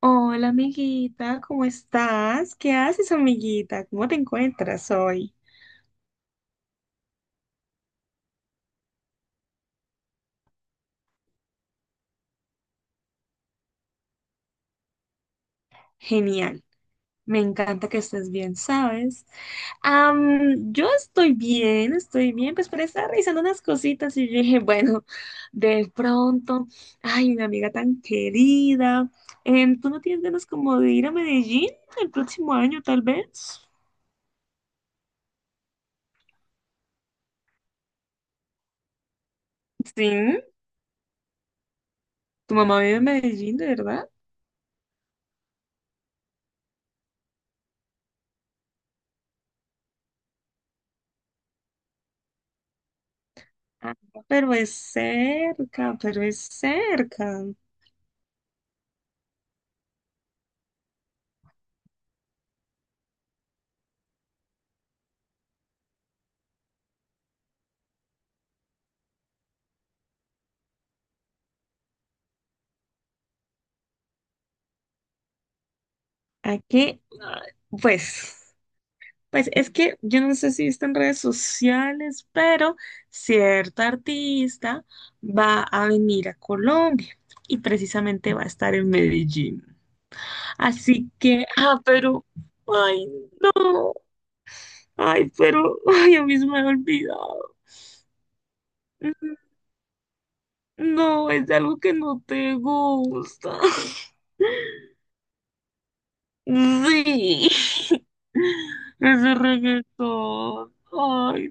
Hola, amiguita, ¿cómo estás? ¿Qué haces, amiguita? ¿Cómo te encuentras hoy? Genial, me encanta que estés bien, ¿sabes? Yo estoy bien, pues pero estaba revisando unas cositas y yo dije, bueno, de pronto, ay, una amiga tan querida, ¿tú no tienes ganas como de ir a Medellín el próximo año, tal vez? Sí, tu mamá vive en Medellín, ¿de verdad? Ah, pero es cerca, pero es cerca. Aquí, pues, pues es que yo no sé si está en redes sociales, pero cierta artista va a venir a Colombia y precisamente va a estar en Medellín. Así que, pero, ay, no, ay, pero, ay, a mí se me había olvidado. Mm, no, es algo que no te gusta. Sí, ese reggaetón. Ay,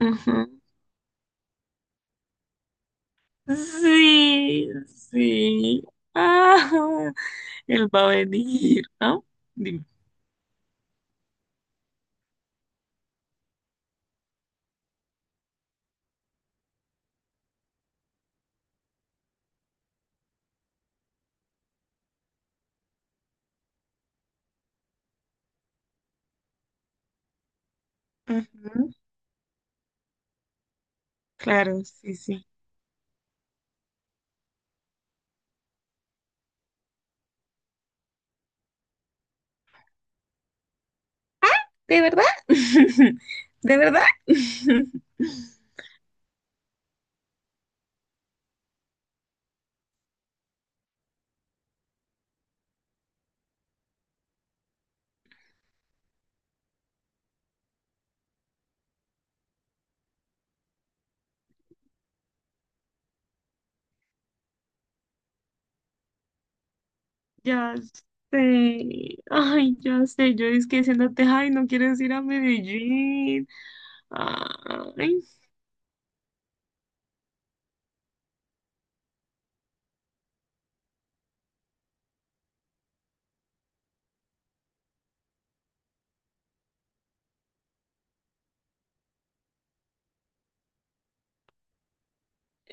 no. Sí, sí. Ah, él va a venir, ¿no? Dime. Ujú. Claro, sí, sí. ¿De verdad? ¿De verdad? Ya sé. Ay, ya sé. Yo es que diciéndote, ay, no quieres ir a Medellín. Ay,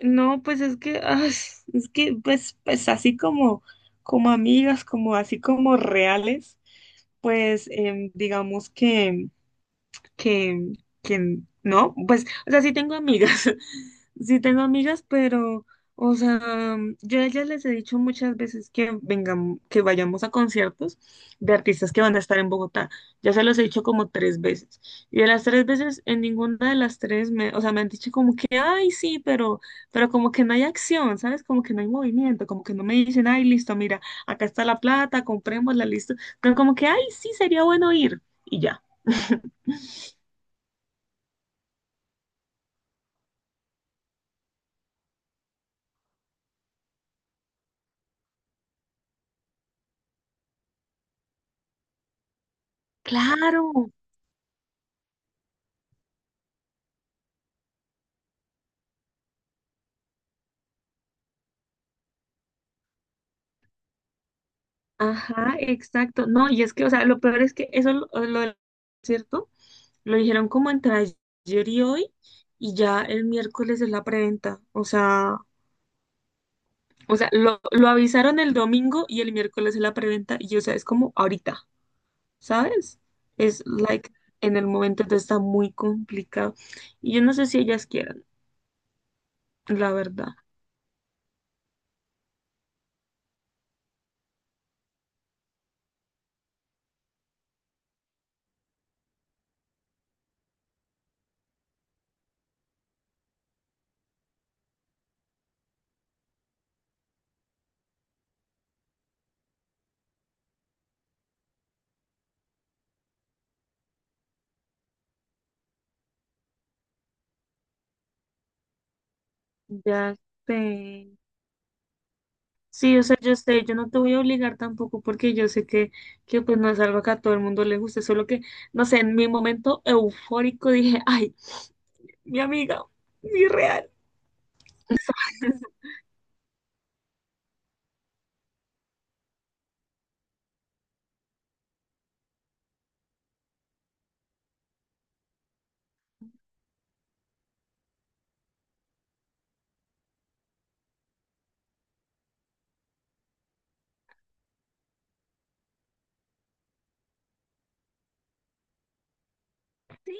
no, pues es que, ay, es que, pues así como, como amigas, como así como reales, pues, digamos que, que no, pues, o sea, sí tengo amigas, sí tengo amigas, pero, o sea, yo a ellas les he dicho muchas veces que vengan, que vayamos a conciertos de artistas que van a estar en Bogotá. Ya se los he dicho como 3 veces. Y de las 3 veces, en ninguna de las 3, me, o sea, me han dicho como que, ay, sí, pero como que no hay acción, ¿sabes? Como que no hay movimiento, como que no me dicen, ay, listo, mira, acá está la plata, comprémosla, listo. Pero como que, ay, sí, sería bueno ir. Y ya. Claro, ajá, exacto. No, y es que, o sea, lo peor es que eso, lo del concierto, lo dijeron como entre ayer y hoy, y ya el miércoles es la preventa. O sea, lo avisaron el domingo y el miércoles es la preventa, y o sea, es como ahorita, ¿sabes? Es like en el momento, entonces está muy complicado. Y yo no sé si ellas quieran, la verdad. Ya sé. Sí, o sea, yo sé, yo no te voy a obligar tampoco porque yo sé que, pues no es algo que a todo el mundo le guste, solo que, no sé, en mi momento eufórico dije, ay, mi amiga, mi real. Sí,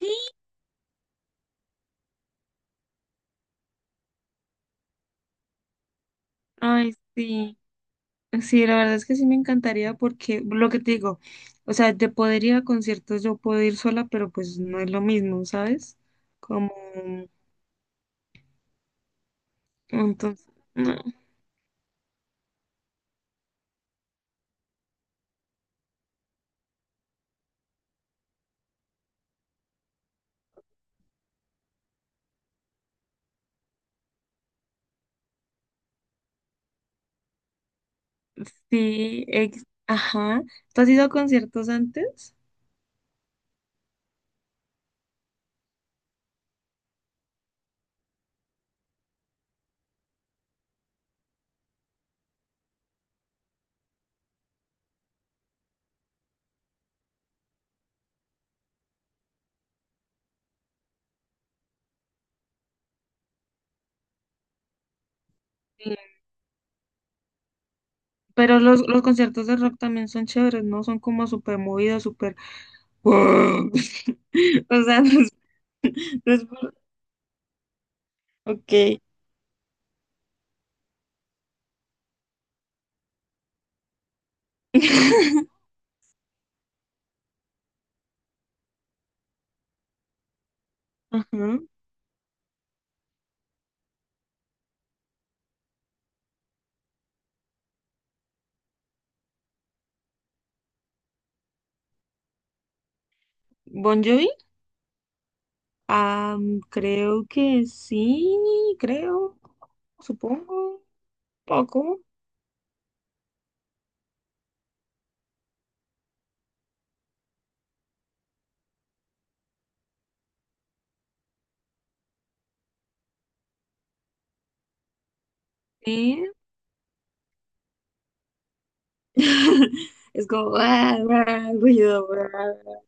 sí. Ay, sí, sí, la verdad es que sí me encantaría porque lo que te digo, o sea, de poder ir a conciertos yo puedo ir sola, pero pues no es lo mismo, ¿sabes? Como, entonces, no, sí, ajá. ¿Tú has ido a conciertos antes? Pero los conciertos de rock también son chéveres, ¿no? Son como súper movidos, súper. O sea, no es- no es por- Ok. Ajá. Bon Jovi. Creo que sí, creo, supongo, poco. Sí. Es como ruido. ah.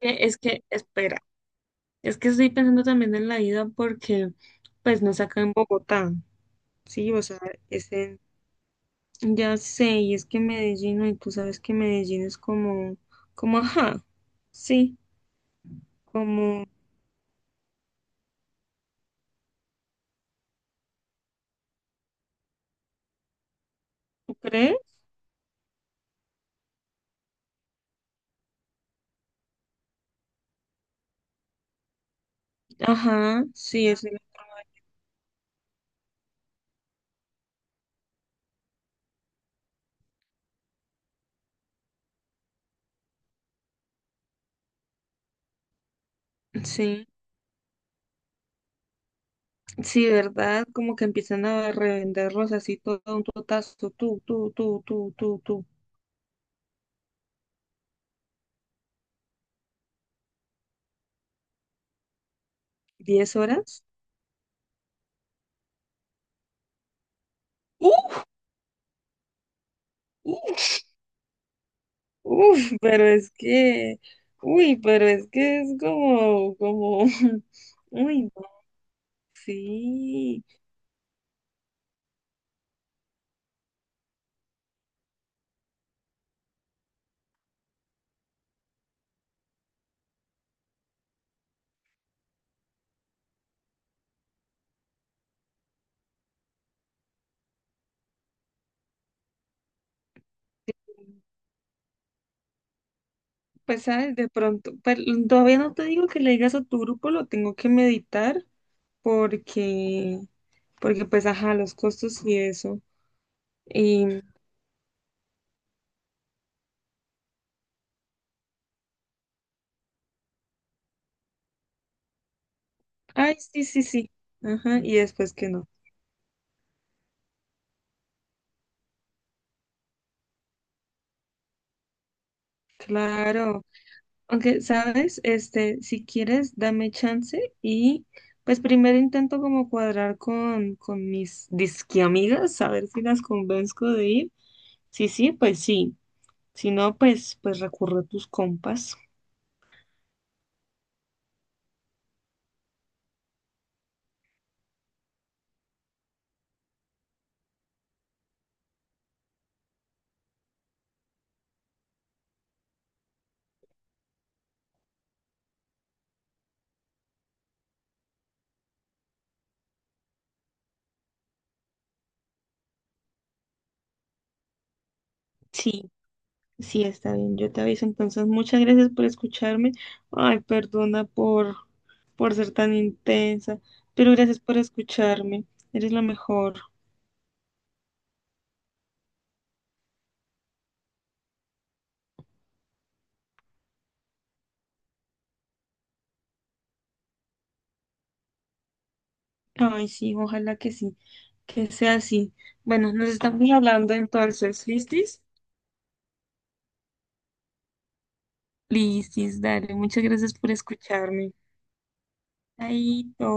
Es que, espera, es que estoy pensando también en la ida porque, pues, no saca en Bogotá, ¿sí? O sea, es en. Ya sé, y es que Medellín, y tú sabes que Medellín es como, ajá, sí, como, ¿tú crees? Ajá, sí, es sí, sí, ¿verdad? Como que empiezan a revenderlos así todo a un totazo, tú, ¿10 horas? ¡Uf! ¡Uf! ¡Uf! Pero es que, uy, pero es que es como, uy, no, sí. Pues, ¿sabes? De pronto, pero todavía no te digo que le digas a tu grupo, lo tengo que meditar porque, pues, ajá, los costos y eso. Y, ay, sí, sí, sí, ajá, y después que no. Claro, aunque, ¿sabes? Este, si quieres, dame chance y, pues, primero intento como cuadrar con, mis disque amigas, a ver si las convenzco de ir. Sí, sí, pues sí. Si no, pues, recurro a tus compas. Sí. Sí, está bien, yo te aviso. Entonces, muchas gracias por escucharme. Ay, perdona por, ser tan intensa, pero gracias por escucharme. Eres la mejor. Ay, sí, ojalá que sí, que sea así. Bueno, nos estamos hablando entonces, ¿listis? Listis, dale, muchas gracias por escucharme. Chaito.